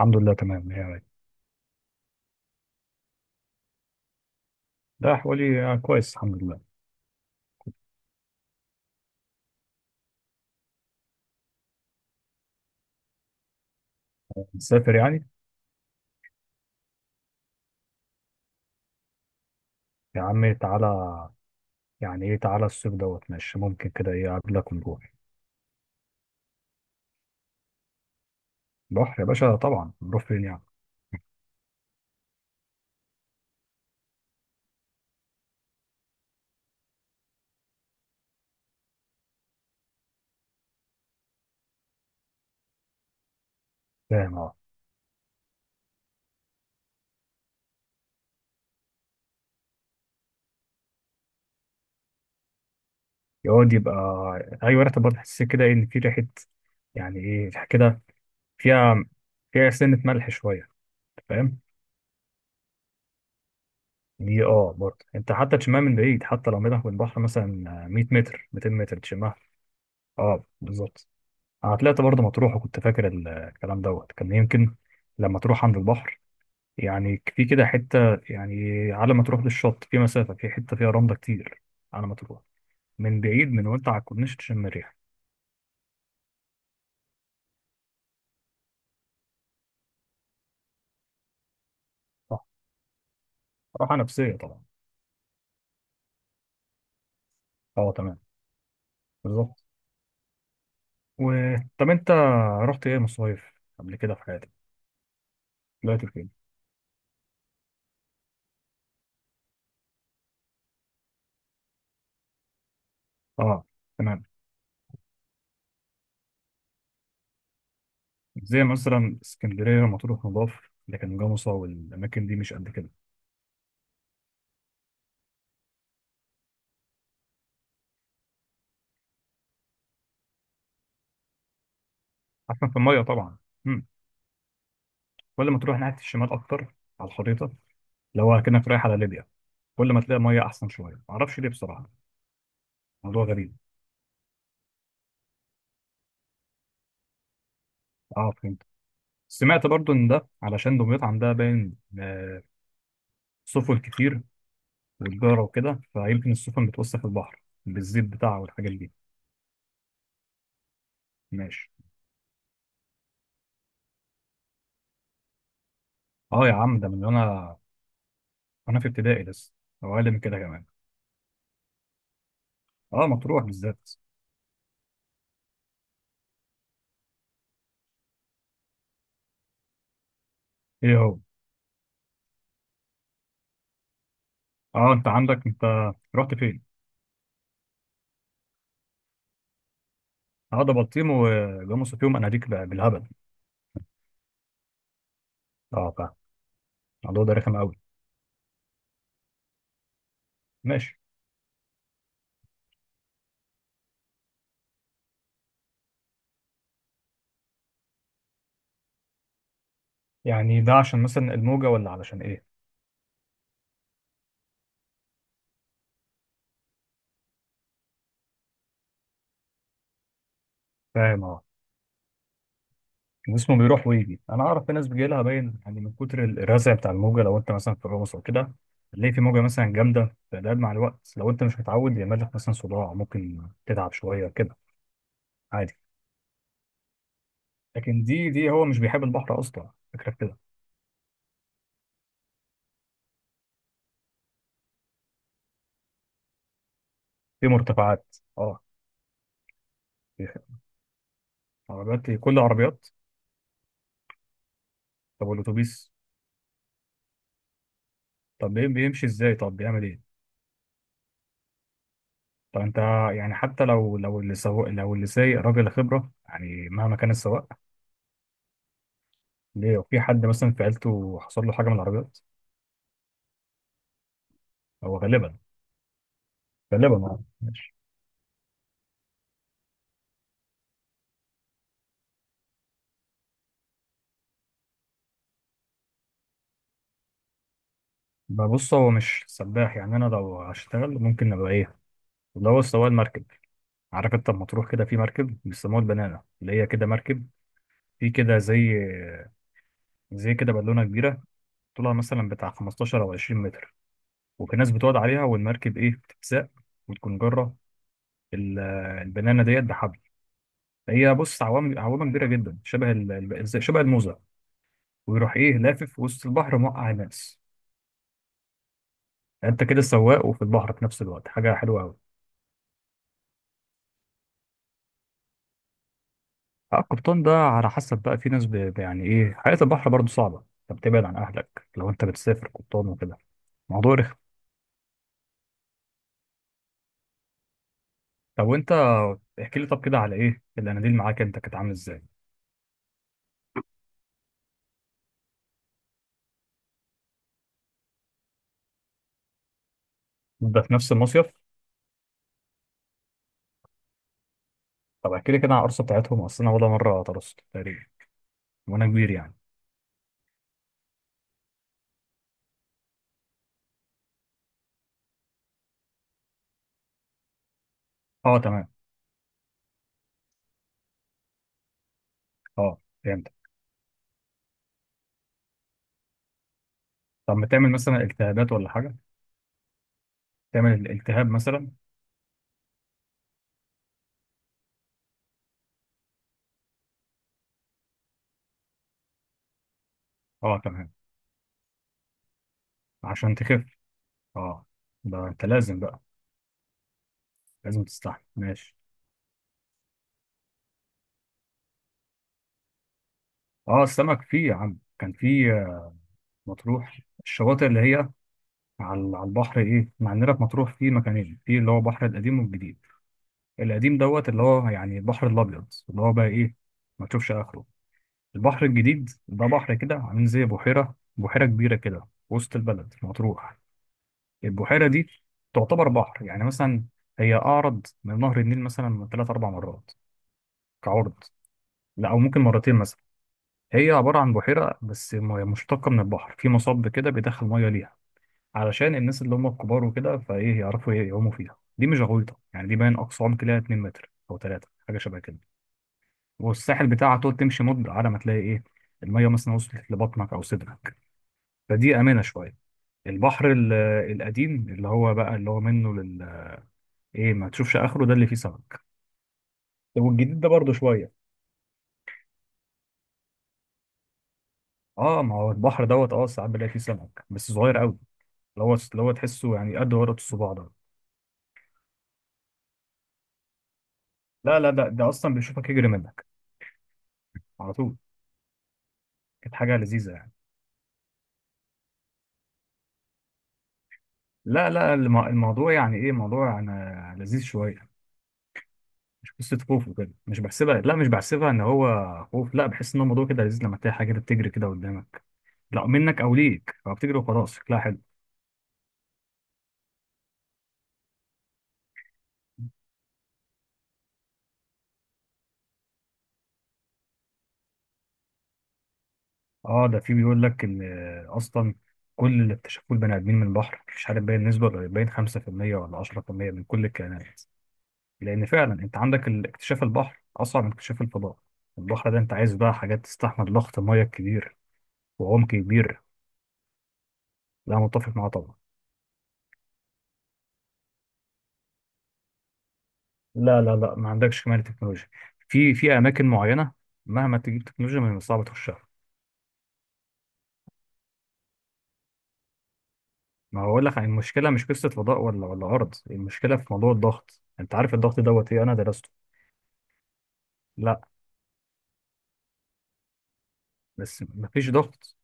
الحمد لله تمام يعني. ده حوالي كويس الحمد لله. مسافر يعني. يا عمي تعالى. يعني ايه تعالى الصيف دوت، ماشي ممكن كده ايه اقابلك ونروح. بحر يا باشا طبعا، نروح فين يعني. فاهم اه. يقعد يبقى. ايوه ريحه برضه، تحس كده ايه ان في ريحه. يعني ايه ريحة كده. فيها، فيها سنه ملح شويه. أنت فاهم دي، اه برضه انت حتى تشمها من بعيد، حتى لو ميلك من البحر مثلا 100 متر 200 متر تشمها. اه بالظبط. انا طلعت برضه مطروح، وكنت فاكر الكلام دوت كان يمكن لما تروح عند البحر. يعني في كده حته، يعني على ما تروح للشط في مسافه، في حته فيها رمله كتير على ما تروح. من بعيد، من وانت على الكورنيش تشم الريح. صح. راحه نفسيه طبعا. اه تمام بالظبط. و... طب انت رحت ايه مصايف قبل كده في حياتك؟ طلعت فين؟ اه تمام. زي مثلا اسكندريه، مطروح، مضاف، لكن جمصة والاماكن دي مش قد كده. احسن في الميه طبعا. امم. ولا ما تروح ناحيه الشمال اكتر على الخريطه، لو كأنك رايح على ليبيا. كل ما تلاقي ميه احسن شويه، معرفش ليه بصراحه. موضوع غريب. اه فهمت. سمعت برضو ان ده علشان دمياط عندها باين آه، سفن كتير وتجاره وكده، فيمكن السفن بتوسخ البحر بالزيت بتاعها والحاجات دي. ماشي. اه يا عم ده من وانا، وانا في ابتدائي لسه، او اقل من كده كمان. اه مطروح بالذات. ايه هو؟ اه انت عندك، انت رحت فين؟ اه ده بلطيم وجاموسه فيهم اناديك بقى بالهبل. اه فاهم، الموضوع ده رخم قوي. ماشي. يعني ده عشان مثلا الموجه ولا علشان ايه؟ فاهم اه. جسمه بيروح ويجي. انا اعرف في ناس بيجي لها باين يعني، من كتر الرزع بتاع الموجه، لو انت مثلا في الرقص او كده تلاقي في موجه مثلا جامده، فده مع الوقت لو انت مش متعود، يعمل لك مثلا صداع، ممكن تتعب شويه كده عادي. لكن دي هو مش بيحب البحر اصلا فكره في كده. في مرتفعات اه. بيحب. عربيات، كل عربيات. طب والاتوبيس؟ طب بيمشي ازاي؟ طب بيعمل ايه؟ طب انت يعني، حتى لو لو اللي سواق، لو اللي سايق راجل خبره، يعني مهما كان السواق. ليه لو في حد مثلا في عيلته حصل له حاجه من العربيات؟ هو غالبا، غالبا اه. ماشي. ببص هو مش سباح. يعني انا لو هشتغل ممكن ابقى ايه؟ اللي هو سواق المركب. عارف انت لما تروح كده في مركب بيسموها البنانه، اللي هي كده مركب، في كده زي، زي كده بالونه كبيره، طولها مثلا بتاع 15 او 20 متر، وفي ناس بتقعد عليها والمركب ايه بتتساق، وتكون جره ال- البنانه ديت بحبل. هي بص عوام، عوامه كبيره جدا شبه شبه الموزه. ويروح ايه لافف وسط البحر موقع الناس. يعني انت كده سواق وفي البحر في نفس الوقت، حاجه حلوه قوي. القبطان ده على حسب بقى. في ناس يعني ايه، حياة البحر برضه صعبة. انت بتبعد عن اهلك لو انت بتسافر قبطان وكده. موضوع رخم. طب وانت احكي لي، طب كده على ايه الاناديل معاك انت، كانت عامل ازاي؟ ده في نفس المصيف؟ طب احكي لي كده عن القرصة بتاعتهم، اصل انا ولا مرة طرست تقريبا وانا كبير يعني. اه تمام. اه فهمت. طب ما تعمل مثلا التهابات ولا حاجة؟ تعمل الالتهاب مثلا. اه تمام. عشان تخف. اه. ده انت لازم بقى، لازم تستحمل. ماشي. اه السمك فيه يا عم، كان فيه. مطروح الشواطئ اللي هي على على البحر ايه، مع عندنا في مطروح في مكانين، في اللي هو البحر القديم والجديد. القديم دوت اللي هو يعني البحر الابيض، اللي هو بقى ايه، ما تشوفش اخره. البحر الجديد ده بحر كده عامل زي بحيره، بحيره كبيره كده في وسط البلد في مطروح. البحيره دي تعتبر بحر يعني. مثلا هي اعرض من نهر النيل مثلا ثلاث اربع مرات كعرض. لا او ممكن مرتين مثلا. هي عباره عن بحيره بس، مية مشتقه من البحر، في مصب كده بيدخل ميه ليها، علشان الناس اللي هم الكبار وكده فايه يعرفوا يعوموا فيها. دي مش غويطه يعني، دي باين اقصى عمق ليها 2 متر او 3، حاجه شبه كده. والساحل بتاعها تقعد تمشي مده على ما تلاقي ايه، الميه مثلا وصلت لبطنك او صدرك، فدي امنه شويه. البحر القديم اللي هو بقى، اللي هو منه لل ايه، ما تشوفش اخره ده اللي فيه سمك. والجديد ده برضه شويه. اه ما هو البحر دوت، اه ساعات بلاقي فيه سمك بس صغير قوي، اللي هو اللي هو تحسه يعني قد ورقه الصباع ده. لا لا ده، اصلا بيشوفك يجري منك على طول. كانت حاجه لذيذه يعني. لا لا، الموضوع يعني ايه، موضوع انا لذيذ شويه. مش قصه خوف وكده، مش بحسبها، لا مش بحسبها ان هو خوف، لا بحس ان الموضوع كده لذيذ لما تلاقي حاجه كده بتجري كده قدامك، لا منك او ليك، فبتجري وخلاص شكلها حلو. اه ده في بيقول لك ان اصلا كل اللي اكتشفوه البني ادمين من البحر، مش عارف باين نسبه، ولا باين 5% ولا 10% من كل الكائنات. لان فعلا انت عندك اكتشاف البحر اصعب من اكتشاف الفضاء. البحر ده انت عايز بقى حاجات تستحمل ضغط الميه الكبير وعمق كبير. لا متفق معاه طبعا. لا لا لا، ما عندكش كمان تكنولوجيا. في اماكن معينه مهما تجيب تكنولوجيا من صعب تخشها. ما هو اقول لك عن المشكله، مش قصه فضاء ولا ارض، المشكله في موضوع الضغط. انت عارف الضغط دوت ايه؟ انا درسته. لا بس ما فيش ضغط.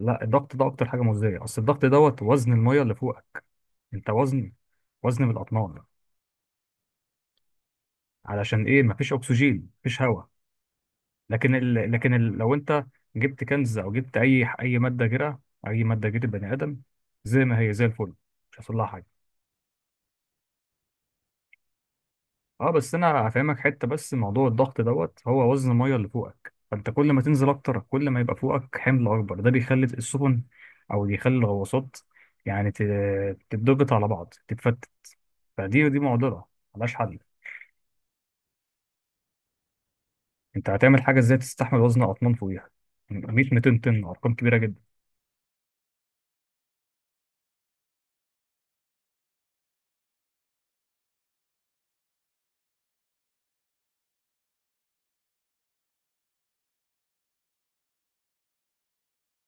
لا الضغط ده اكتر حاجه مؤذيه، اصل الضغط دوت وزن الميه اللي فوقك. انت وزن، وزن بالاطنان. علشان ايه؟ ما فيش اكسجين، ما فيش هواء. لكن لو انت جبت كنز او جبت اي ماده جرة، اي ماده جرة بني ادم زي ما هي زي الفل، مش هيحصل لها حاجه. اه بس انا هفهمك حته، بس موضوع الضغط دوت هو وزن الميه اللي فوقك، فانت كل ما تنزل اكتر كل ما يبقى فوقك حمل اكبر، ده بيخلي السفن او بيخلي الغواصات يعني تتضغط على بعض تتفتت. فدي معضله ملهاش حل. انت هتعمل حاجه ازاي تستحمل وزن اطنان فوقيها، 100 200 طن، ارقام كبيره جدا.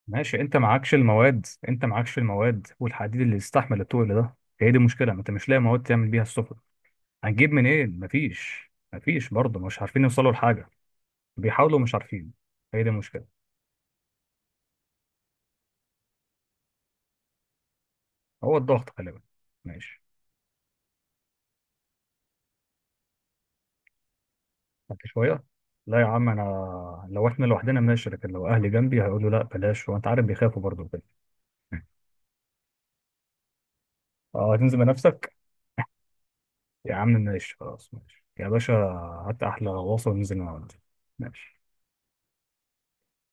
ماشي، انت معكش المواد، انت معكش المواد والحديد اللي يستحمل التقل ده. هي دي المشكله، ما انت مش لاقي مواد تعمل بيها السفن. هنجيب منين؟ مفيش، برضه مش عارفين يوصلوا لحاجه. بيحاولوا مش عارفين، هي دي المشكلة. هو الضغط غالبا. ماشي. بعد شوية. لا يا عم، أنا لو إحنا لوحدنا ماشي، لكن لو أهلي جنبي هيقولوا لا بلاش، وأنت عارف بيخافوا برضه كده. أه هتنزل بنفسك؟ يا عم ماشي خلاص، ماشي يا باشا. هات أحلى غواصة وننزل نقعد. ماشي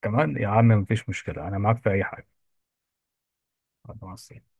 كمان يا عم، مفيش مشكلة أنا معاك في أي حاجة. مع السلامة.